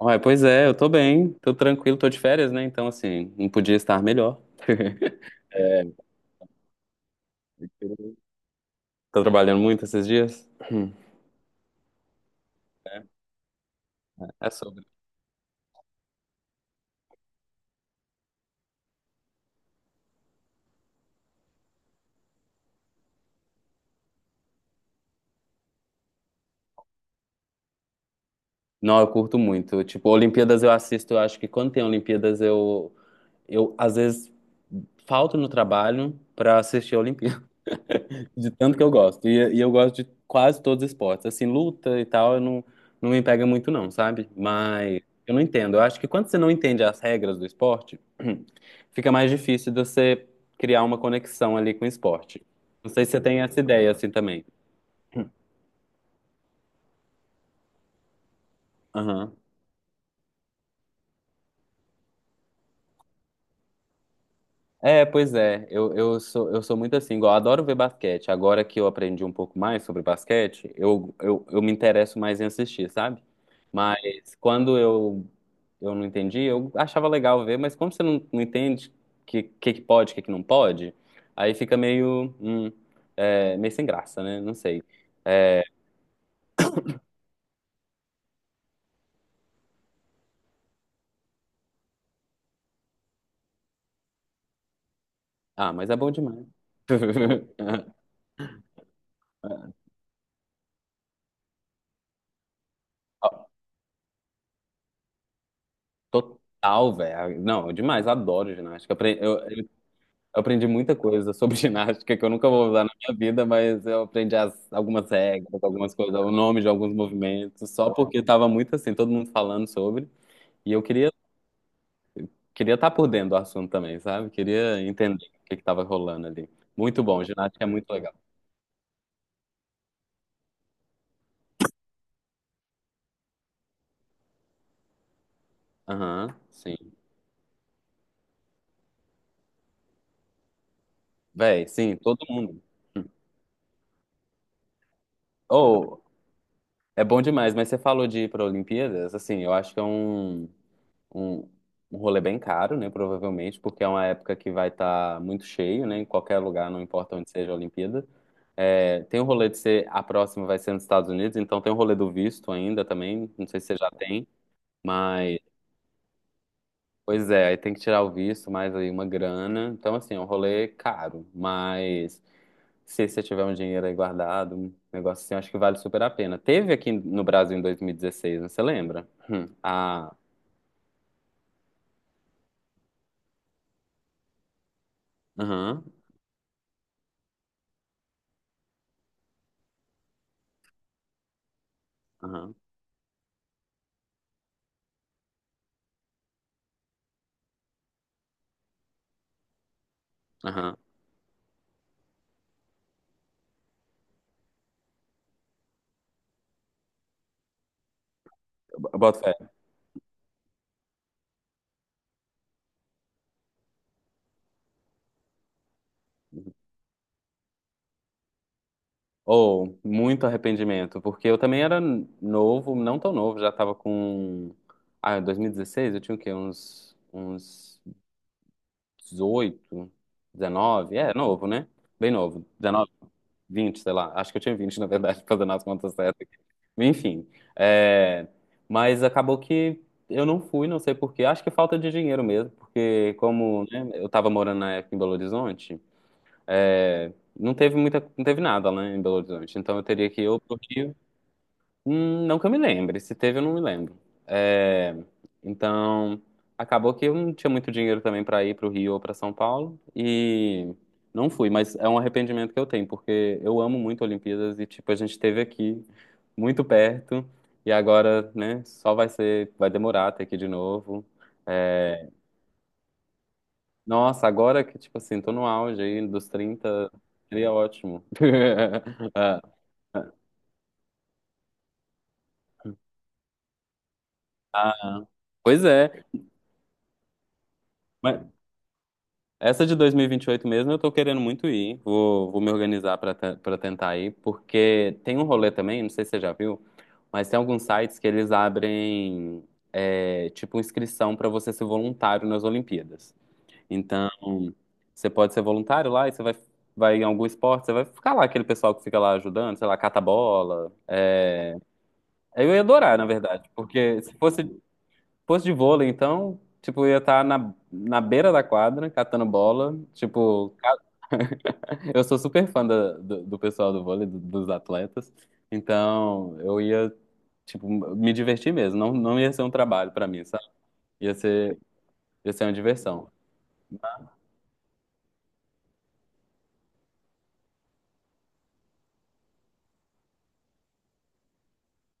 Ué, pois é, eu tô bem, tô tranquilo, tô de férias, né? Então, assim, não podia estar melhor. Tô trabalhando muito esses dias? Hum. É sobre. Não, eu curto muito. Tipo, Olimpíadas eu assisto, eu acho que quando tem Olimpíadas eu às vezes falto no trabalho pra assistir a Olimpíada, de tanto que eu gosto. E eu gosto de quase todos os esportes. Assim, luta e tal, eu não, não me pega muito não, sabe? Mas eu não entendo. Eu acho que quando você não entende as regras do esporte, fica mais difícil de você criar uma conexão ali com o esporte. Não sei se você tem essa ideia assim também. Aham. É, pois é. Eu sou muito assim, igual, eu adoro ver basquete. Agora que eu aprendi um pouco mais sobre basquete, eu me interesso mais em assistir, sabe? Mas quando eu não entendi, eu achava legal ver, mas como você não entende que pode, o que, que não pode, aí fica meio, meio sem graça, né? Não sei. É, ah, mas é bom demais. Ó, total, velho. Não, demais, adoro ginástica. Eu aprendi muita coisa sobre ginástica que eu nunca vou usar na minha vida, mas eu aprendi algumas regras, algumas coisas, o nome de alguns movimentos, só porque tava muito assim, todo mundo falando sobre. E eu queria estar por dentro do assunto também, sabe? Queria entender o que que tava rolando ali. Muito bom, ginástica é muito legal. Aham, sim. Véi, sim, todo mundo. Ou, é bom demais, mas você falou de ir para Olimpíadas, assim, eu acho que é um, um rolê bem caro, né? Provavelmente, porque é uma época que vai estar muito cheio, né? Em qualquer lugar, não importa onde seja a Olimpíada. É, tem o rolê de ser, a próxima vai ser nos Estados Unidos, então tem o rolê do visto ainda também. Não sei se você já tem, mas pois é, aí tem que tirar o visto, mais aí uma grana. Então, assim, é um rolê caro, mas se você tiver um dinheiro aí guardado, um negócio assim, eu acho que vale super a pena. Teve aqui no Brasil em 2016, né? Você lembra? A. Aham, aham, aham. Bota. Ou muito arrependimento, porque eu também era novo, não tão novo, já tava com. Ah, 2016 eu tinha o quê? Uns 18 19, é, novo, né? Bem novo. 19 20 sei lá. Acho que eu tinha 20 na verdade, fazendo as contas certas aqui. Enfim. é, Mas acabou que eu não fui, não sei por quê. Acho que falta de dinheiro mesmo, porque como, né, eu tava morando na época em Belo Horizonte, é, não teve muita, não teve nada lá em Belo Horizonte. Então eu teria que ir ou pro Rio. Não que eu me lembre. Se teve, eu não me lembro. É, então, acabou que eu não tinha muito dinheiro também para ir para o Rio ou para São Paulo e não fui, mas é um arrependimento que eu tenho, porque eu amo muito Olimpíadas e, tipo, a gente esteve aqui muito perto e agora, né, só vai ser, vai demorar até aqui de novo. É, nossa, agora que, tipo assim, tô no auge aí dos 30 seria ótimo. Ah, ah, pois é. Mas, essa de dois mil e vinte e oito mesmo, eu tô querendo muito ir. Vou me organizar pra tentar ir, porque tem um rolê também, não sei se você já viu, mas tem alguns sites que eles abrem, tipo inscrição pra você ser voluntário nas Olimpíadas. Então, você pode ser voluntário lá e você vai em algum esporte, você vai ficar lá, aquele pessoal que fica lá ajudando, sei lá, cata bola. Eu ia adorar, na verdade, porque se fosse de vôlei, então, tipo, eu ia estar na beira da quadra, catando bola, tipo. Eu sou super fã do pessoal do vôlei, dos atletas. Então, eu ia, tipo, me divertir mesmo. Não, não ia ser um trabalho pra mim, sabe? Ia ser, Ia ser uma diversão.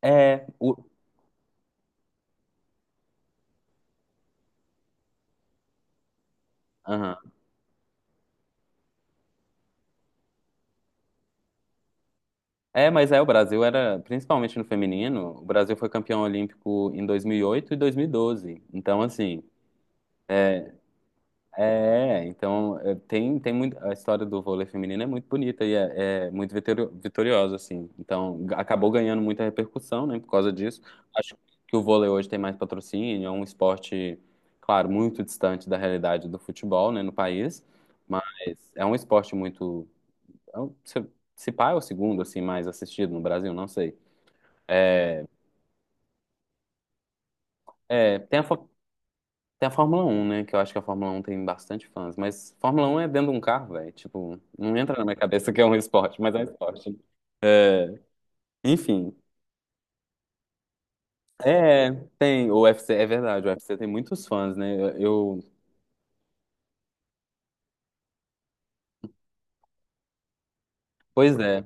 É, aham. É, mas é, o Brasil era, principalmente no feminino, o Brasil foi campeão olímpico em 2008 e 2012. Então, assim, é, então é, tem muito, a história do vôlei feminino é muito bonita e é muito vitoriosa, assim. Então acabou ganhando muita repercussão, né, por causa disso. Acho que o vôlei hoje tem mais patrocínio, é um esporte, claro, muito distante da realidade do futebol, né, no país, mas é um esporte muito, é um- se, se pá é o segundo, assim, mais assistido no Brasil, não sei. É, é, tem a, fa- Tem a Fórmula Um, né? Que eu acho que a Fórmula Um tem bastante fãs. Mas Fórmula Um é dentro de um carro, velho. Tipo, não entra na minha cabeça que é um esporte, mas é um esporte, né? É, enfim. É, tem. O UFC, é verdade, o UFC tem muitos fãs, né? Pois é.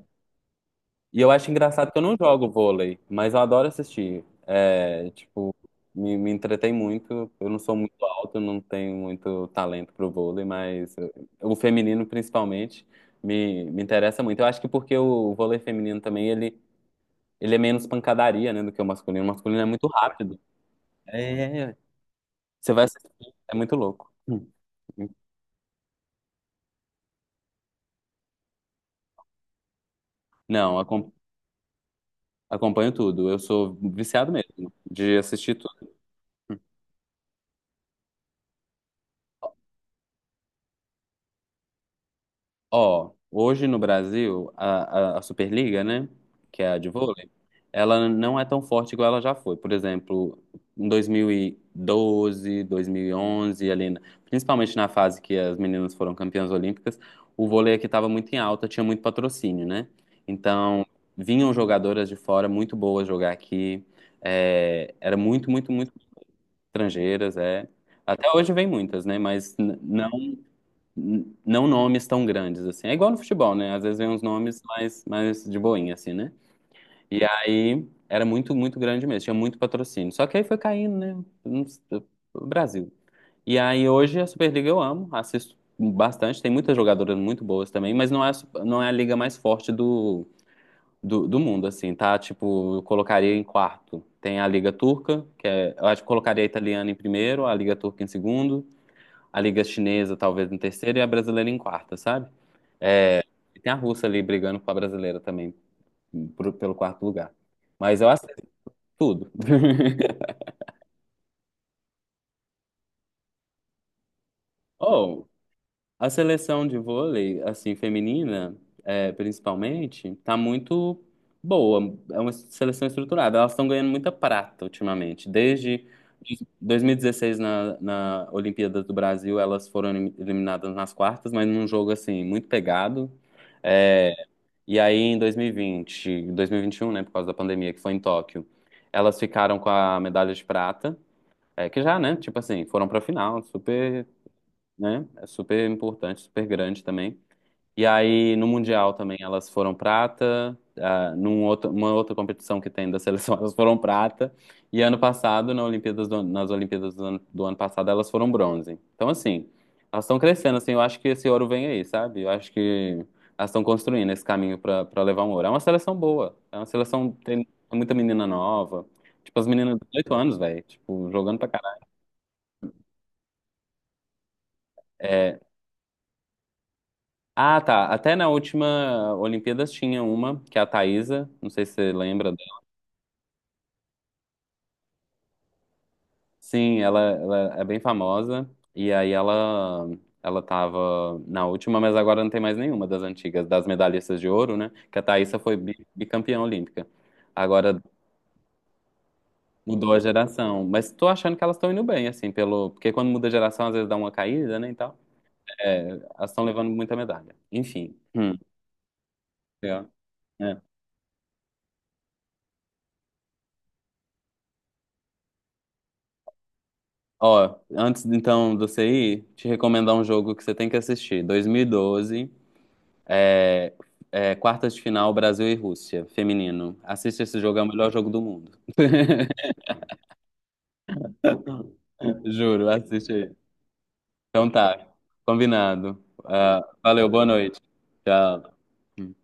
E eu acho engraçado que eu não jogo vôlei, mas eu adoro assistir. É, tipo, me entretei muito. Eu não sou muito alto, não tenho muito talento pro vôlei, o feminino, principalmente, me interessa muito. Eu acho que porque o vôlei feminino também, ele é menos pancadaria, né, do que o masculino. O masculino é muito rápido. É, você vai assistir, é muito louco. Hum. Não, acom- Acompanho tudo. Eu sou viciado mesmo de assistir. Ó, hoje no Brasil, a Superliga, né, que é a de vôlei, ela não é tão forte igual ela já foi. Por exemplo, em 2012, 2011, ali, principalmente na fase que as meninas foram campeãs olímpicas, o vôlei aqui estava muito em alta, tinha muito patrocínio, né? Então, vinham jogadoras de fora muito boas jogar aqui. É, era muito, muito, muito estrangeiras, é. Até hoje vem muitas, né? Mas não nomes tão grandes, assim. É igual no futebol, né? Às vezes vem uns nomes mais, mais de boinha, assim, né? E aí era muito, muito grande mesmo, tinha muito patrocínio. Só que aí foi caindo, né? Não s- O Brasil. E aí hoje a Superliga eu amo, assisto bastante, tem muitas jogadoras muito boas também, mas não é, não é a liga mais forte do mundo, assim, tá? Tipo, eu colocaria em quarto. Tem a Liga Turca, que é, eu acho que colocaria a italiana em primeiro, a Liga Turca em segundo, a Liga Chinesa talvez em terceiro e a brasileira em quarta, sabe? E tem a russa ali brigando com a brasileira também, pelo quarto lugar. Mas eu aceito tudo. Oh, a seleção de vôlei, assim, feminina, é, principalmente, tá muito boa. É uma seleção estruturada. Elas estão ganhando muita prata ultimamente. Desde 2016, na Olimpíada do Brasil, elas foram eliminadas nas quartas, mas num jogo, assim, muito pegado. É, e aí, em 2020, 2021, né, por causa da pandemia, que foi em Tóquio, elas ficaram com a medalha de prata, é, que já, né, tipo assim, foram pra final, super, né, é super importante, super grande também. E aí, no Mundial também, elas foram prata. Ah, num outro, uma outra competição que tem da seleção, elas foram prata. E ano passado, nas Olimpíadas do ano, do ano passado, elas foram bronze. Então, assim, elas estão crescendo, assim, eu acho que esse ouro vem aí, sabe? Eu acho que elas estão construindo esse caminho para levar um ouro. É uma seleção boa. É uma seleção, tem muita menina nova. Tipo, as meninas de 18 anos, velho. Tipo, jogando pra caralho. É, ah, tá. Até na última Olimpíadas tinha uma, que é a Thaísa. Não sei se você lembra. Sim, ela é bem famosa. E aí ela tava na última, mas agora não tem mais nenhuma das antigas, das medalhistas de ouro, né? Que a Thaísa foi bicampeã olímpica. Agora mudou a geração. Mas tô achando que elas estão indo bem, assim, pelo. Porque quando muda a geração, às vezes dá uma caída, né? E tal. É, elas estão levando muita medalha. Enfim. Legal. É. Ó, antes então de você ir, te recomendar um jogo que você tem que assistir. 2012. É, é, quartas de final, Brasil e Rússia, feminino. Assiste esse jogo, é o melhor jogo do mundo. Juro, assiste aí. Então tá, combinado. Ah, valeu, boa noite. Tchau.